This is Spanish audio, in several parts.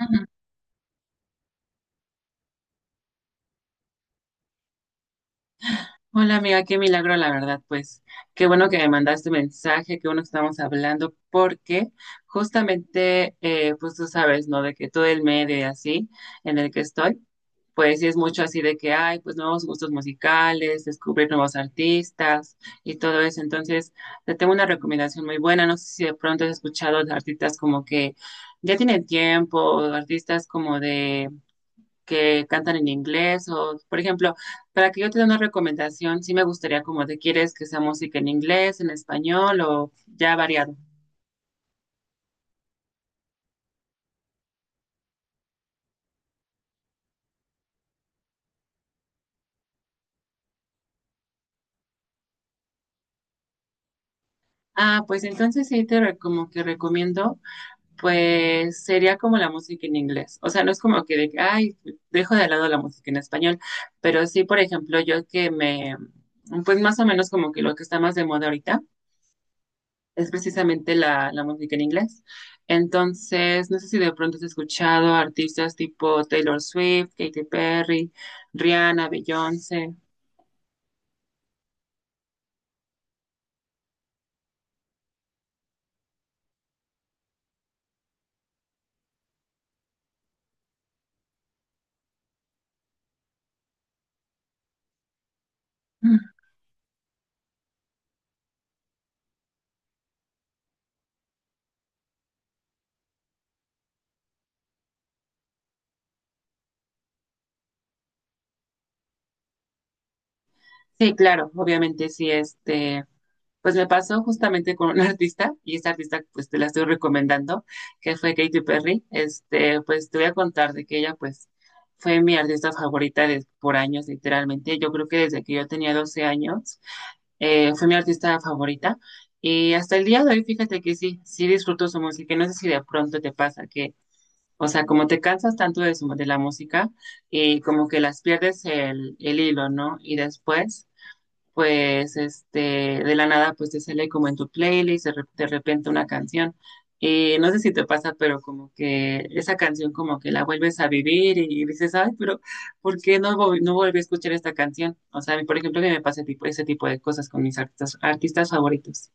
Ujú. Hola amiga, qué milagro la verdad, pues qué bueno que me mandaste mensaje, qué bueno que estamos hablando, porque justamente, pues tú sabes, ¿no? De que todo el medio y así en el que estoy, pues sí es mucho así de que hay pues nuevos gustos musicales, descubrir nuevos artistas y todo eso. Entonces, te tengo una recomendación muy buena, no sé si de pronto has escuchado de artistas como que ya tienen tiempo, o artistas como de que cantan en inglés o, por ejemplo, para que yo te dé una recomendación, sí me gustaría como te quieres que sea música en inglés, en español o ya variado. Ah, pues entonces sí te como que recomiendo, pues sería como la música en inglés. O sea, no es como que de, que, ay, dejo de lado la música en español, pero sí, por ejemplo, yo que me, pues más o menos como que lo que está más de moda ahorita es precisamente la música en inglés. Entonces, no sé si de pronto has escuchado artistas tipo Taylor Swift, Katy Perry, Rihanna, Beyoncé. Mm. Sí, claro, obviamente sí, este, pues me pasó justamente con una artista y esta artista pues te la estoy recomendando, que fue Katy Perry. Este, pues te voy a contar de que ella pues fue mi artista favorita por años, literalmente. Yo creo que desde que yo tenía 12 años fue mi artista favorita. Y hasta el día de hoy, fíjate que sí, sí disfruto su música. Y no sé si de pronto te pasa que, o sea, como te cansas tanto de, de la música, y como que las pierdes el hilo, ¿no? Y después pues este, de la nada, pues te sale como en tu playlist, de, de repente una canción. Y no sé si te pasa, pero como que esa canción como que la vuelves a vivir y, dices, ay, pero ¿por qué no, no volví a escuchar esta canción? O sea, a mí, por ejemplo, que me pasa tipo, ese tipo de cosas con mis artistas favoritos.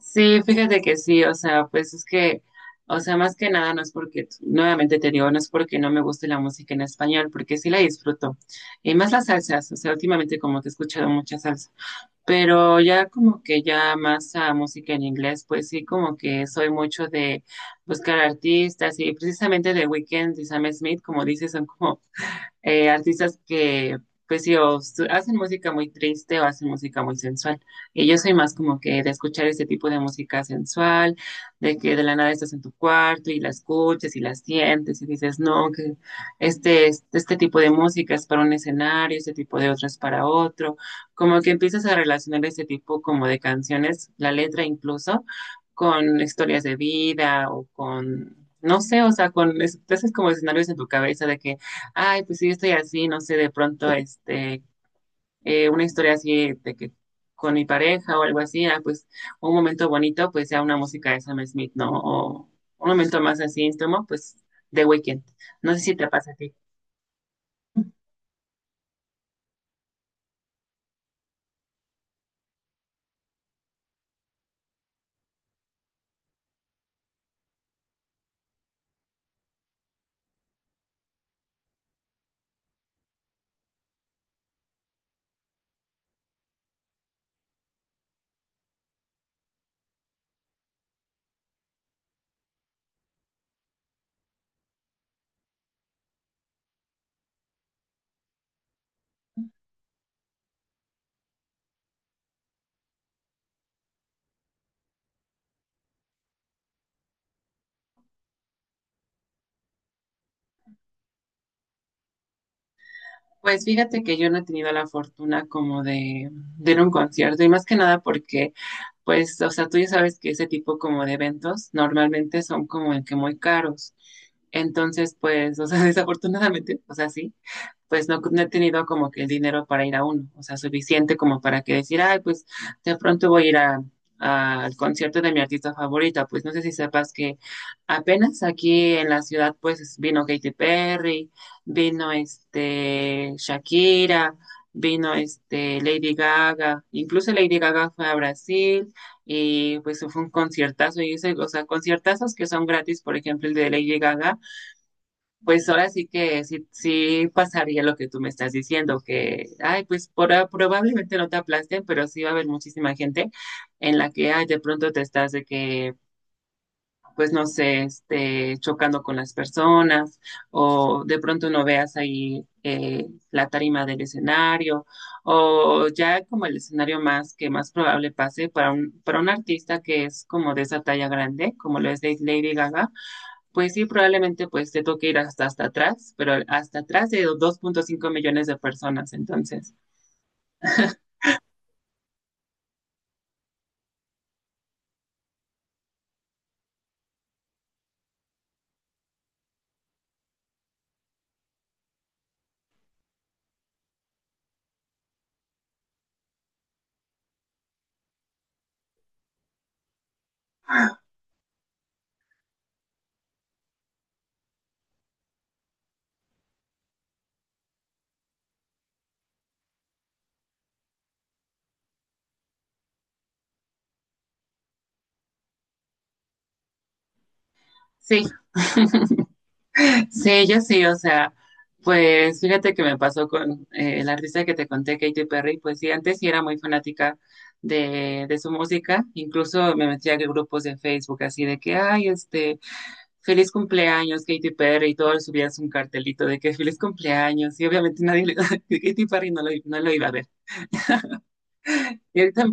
Sí, fíjate que sí, o sea, pues es que, o sea, más que nada no es porque, nuevamente te digo, no es porque no me guste la música en español, porque sí la disfruto. Y más las salsas, o sea, últimamente como que he escuchado mucha salsa. Pero ya como que ya más a música en inglés, pues sí, como que soy mucho de buscar artistas y precisamente de Weeknd y Sam Smith, como dices, son como artistas que pues sí, o hacen música muy triste o hacen música muy sensual. Y yo soy más como que de escuchar este tipo de música sensual, de que de la nada estás en tu cuarto y la escuchas y la sientes y dices, no, que este tipo de música es para un escenario, este tipo de otro es para otro. Como que empiezas a relacionar este tipo como de canciones, la letra incluso, con historias de vida o con, no sé, o sea, con, te haces como escenarios en tu cabeza de que ay, pues sí, yo estoy así, no sé, de pronto, este, una historia así de que con mi pareja o algo así, ah, pues un momento bonito, pues sea una música de Sam Smith, ¿no? O un momento más así íntimo, pues de Weekend. No sé si te pasa a ti. Pues fíjate que yo no he tenido la fortuna como de ir a un concierto y más que nada porque, pues, o sea, tú ya sabes que ese tipo como de eventos normalmente son como el que muy caros. Entonces, pues, o sea, desafortunadamente, o sea, sí pues no, no he tenido como que el dinero para ir a uno, o sea, suficiente como para que decir, ay, pues de pronto voy a ir a, al concierto de mi artista favorita, pues no sé si sepas que apenas aquí en la ciudad pues vino Katy Perry, vino este Shakira, vino este Lady Gaga, incluso Lady Gaga fue a Brasil y pues fue un conciertazo y ese, o sea, conciertazos que son gratis, por ejemplo el de Lady Gaga pues ahora sí que sí, sí pasaría lo que tú me estás diciendo, que, ay, pues por, ah, probablemente no te aplasten, pero sí va a haber muchísima gente en la que, ay, de pronto te estás de que, pues no sé, este, chocando con las personas o de pronto no veas ahí la tarima del escenario o ya como el escenario más que más probable pase para un artista que es como de esa talla grande, como lo es de Lady Gaga, pues sí, probablemente pues te toque ir hasta, hasta atrás, pero hasta atrás de 2,5 millones de personas. Entonces, sí, sí, yo sí, o sea, pues fíjate que me pasó con la artista que te conté, Katy Perry, pues sí, antes sí era muy fanática de su música, incluso me metía a grupos de Facebook así de que, ay, este, feliz cumpleaños, Katy Perry, y todos subías un cartelito de que feliz cumpleaños, y obviamente nadie, Katy Perry no lo, no lo iba a ver. Y ahorita,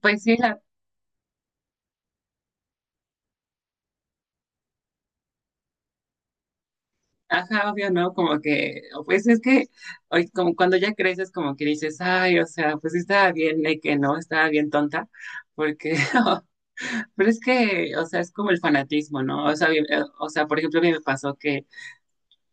pues sí, ajá, obvio, ¿no? Como que, o pues es que hoy, como cuando ya creces, como que dices, ay, o sea, pues sí estaba bien, de que no, estaba bien tonta, porque, pero es que, o sea, es como el fanatismo, ¿no? O sea, bien, o sea, por ejemplo, a mí me pasó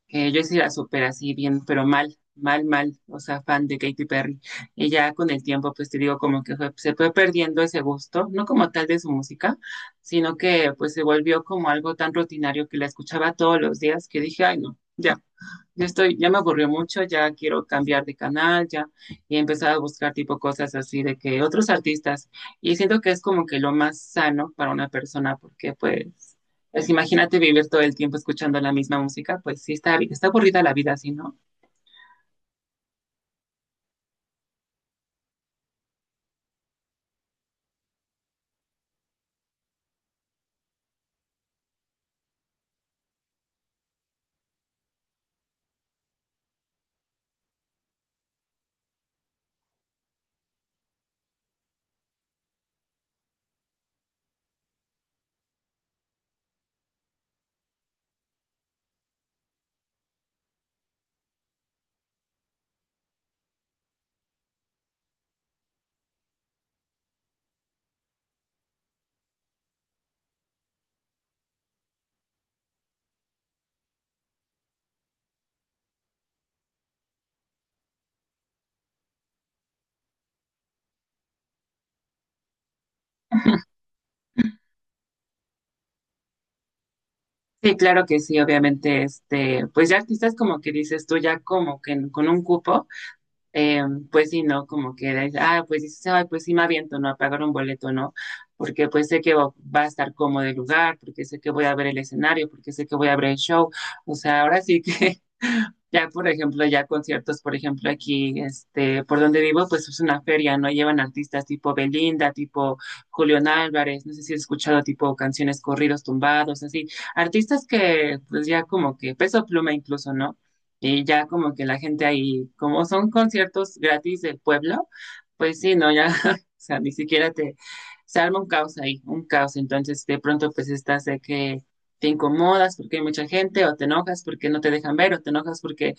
que yo sí la super así bien, pero mal, mal, mal, o sea, fan de Katy Perry, y ya con el tiempo, pues te digo, como que se fue perdiendo ese gusto, no como tal de su música, sino que, pues se volvió como algo tan rutinario que la escuchaba todos los días que dije, ay, no, ya. Yo estoy, ya me aburrió mucho, ya quiero cambiar de canal, ya he empezado a buscar tipo cosas así de que otros artistas, y siento que es como que lo más sano para una persona, porque pues, pues imagínate vivir todo el tiempo escuchando la misma música, pues sí está, está aburrida la vida así, ¿no? Sí, claro que sí, obviamente, este, pues ya artistas como que dices tú, ya como que con un cupo. Eh, pues sí, ¿no? Como que, dices, ah, pues sí, sí se va, pues sí me aviento, ¿no? A pagar un boleto, ¿no? Porque pues sé que va a estar cómodo el lugar, porque sé que voy a ver el escenario, porque sé que voy a ver el show. O sea, ahora sí que, ya por ejemplo, ya conciertos, por ejemplo, aquí, este, por donde vivo, pues es una feria, ¿no? Llevan artistas tipo Belinda, tipo Julián Álvarez, no sé si he escuchado tipo canciones corridos tumbados, así. Artistas que, pues ya como que, Peso Pluma incluso, ¿no? Y ya como que la gente ahí, como son conciertos gratis del pueblo, pues sí, no, ya, o sea, ni siquiera te, se arma un caos ahí, un caos. Entonces, de pronto, pues estás de que te incomodas porque hay mucha gente, o te enojas porque no te dejan ver, o te enojas porque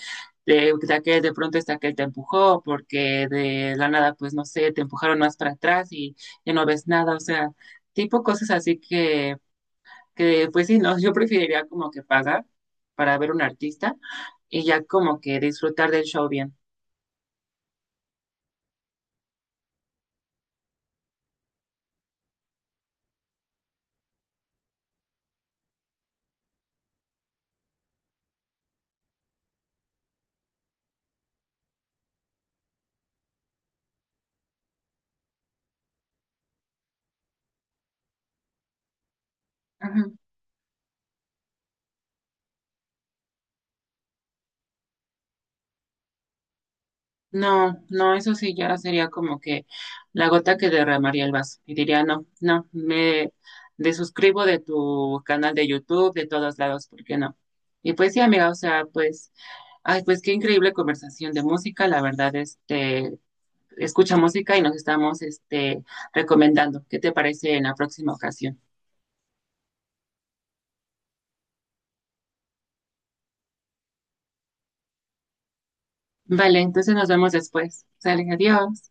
de, de pronto está que te empujó, porque de la nada, pues no sé, te empujaron más para atrás y ya no ves nada, o sea, tipo cosas así que pues sí, no, yo preferiría como que pagar para ver un artista y ya como que disfrutar del show bien. Ujú. No, no, eso sí ya sería como que la gota que derramaría el vaso y diría, no, no, me desuscribo de tu canal de YouTube, de todos lados, ¿por qué no? Y pues sí, amiga, o sea, pues, ay, pues qué increíble conversación de música, la verdad, este, escucha música y nos estamos, este, recomendando. ¿Qué te parece en la próxima ocasión? Vale, entonces nos vemos después. Salen, adiós.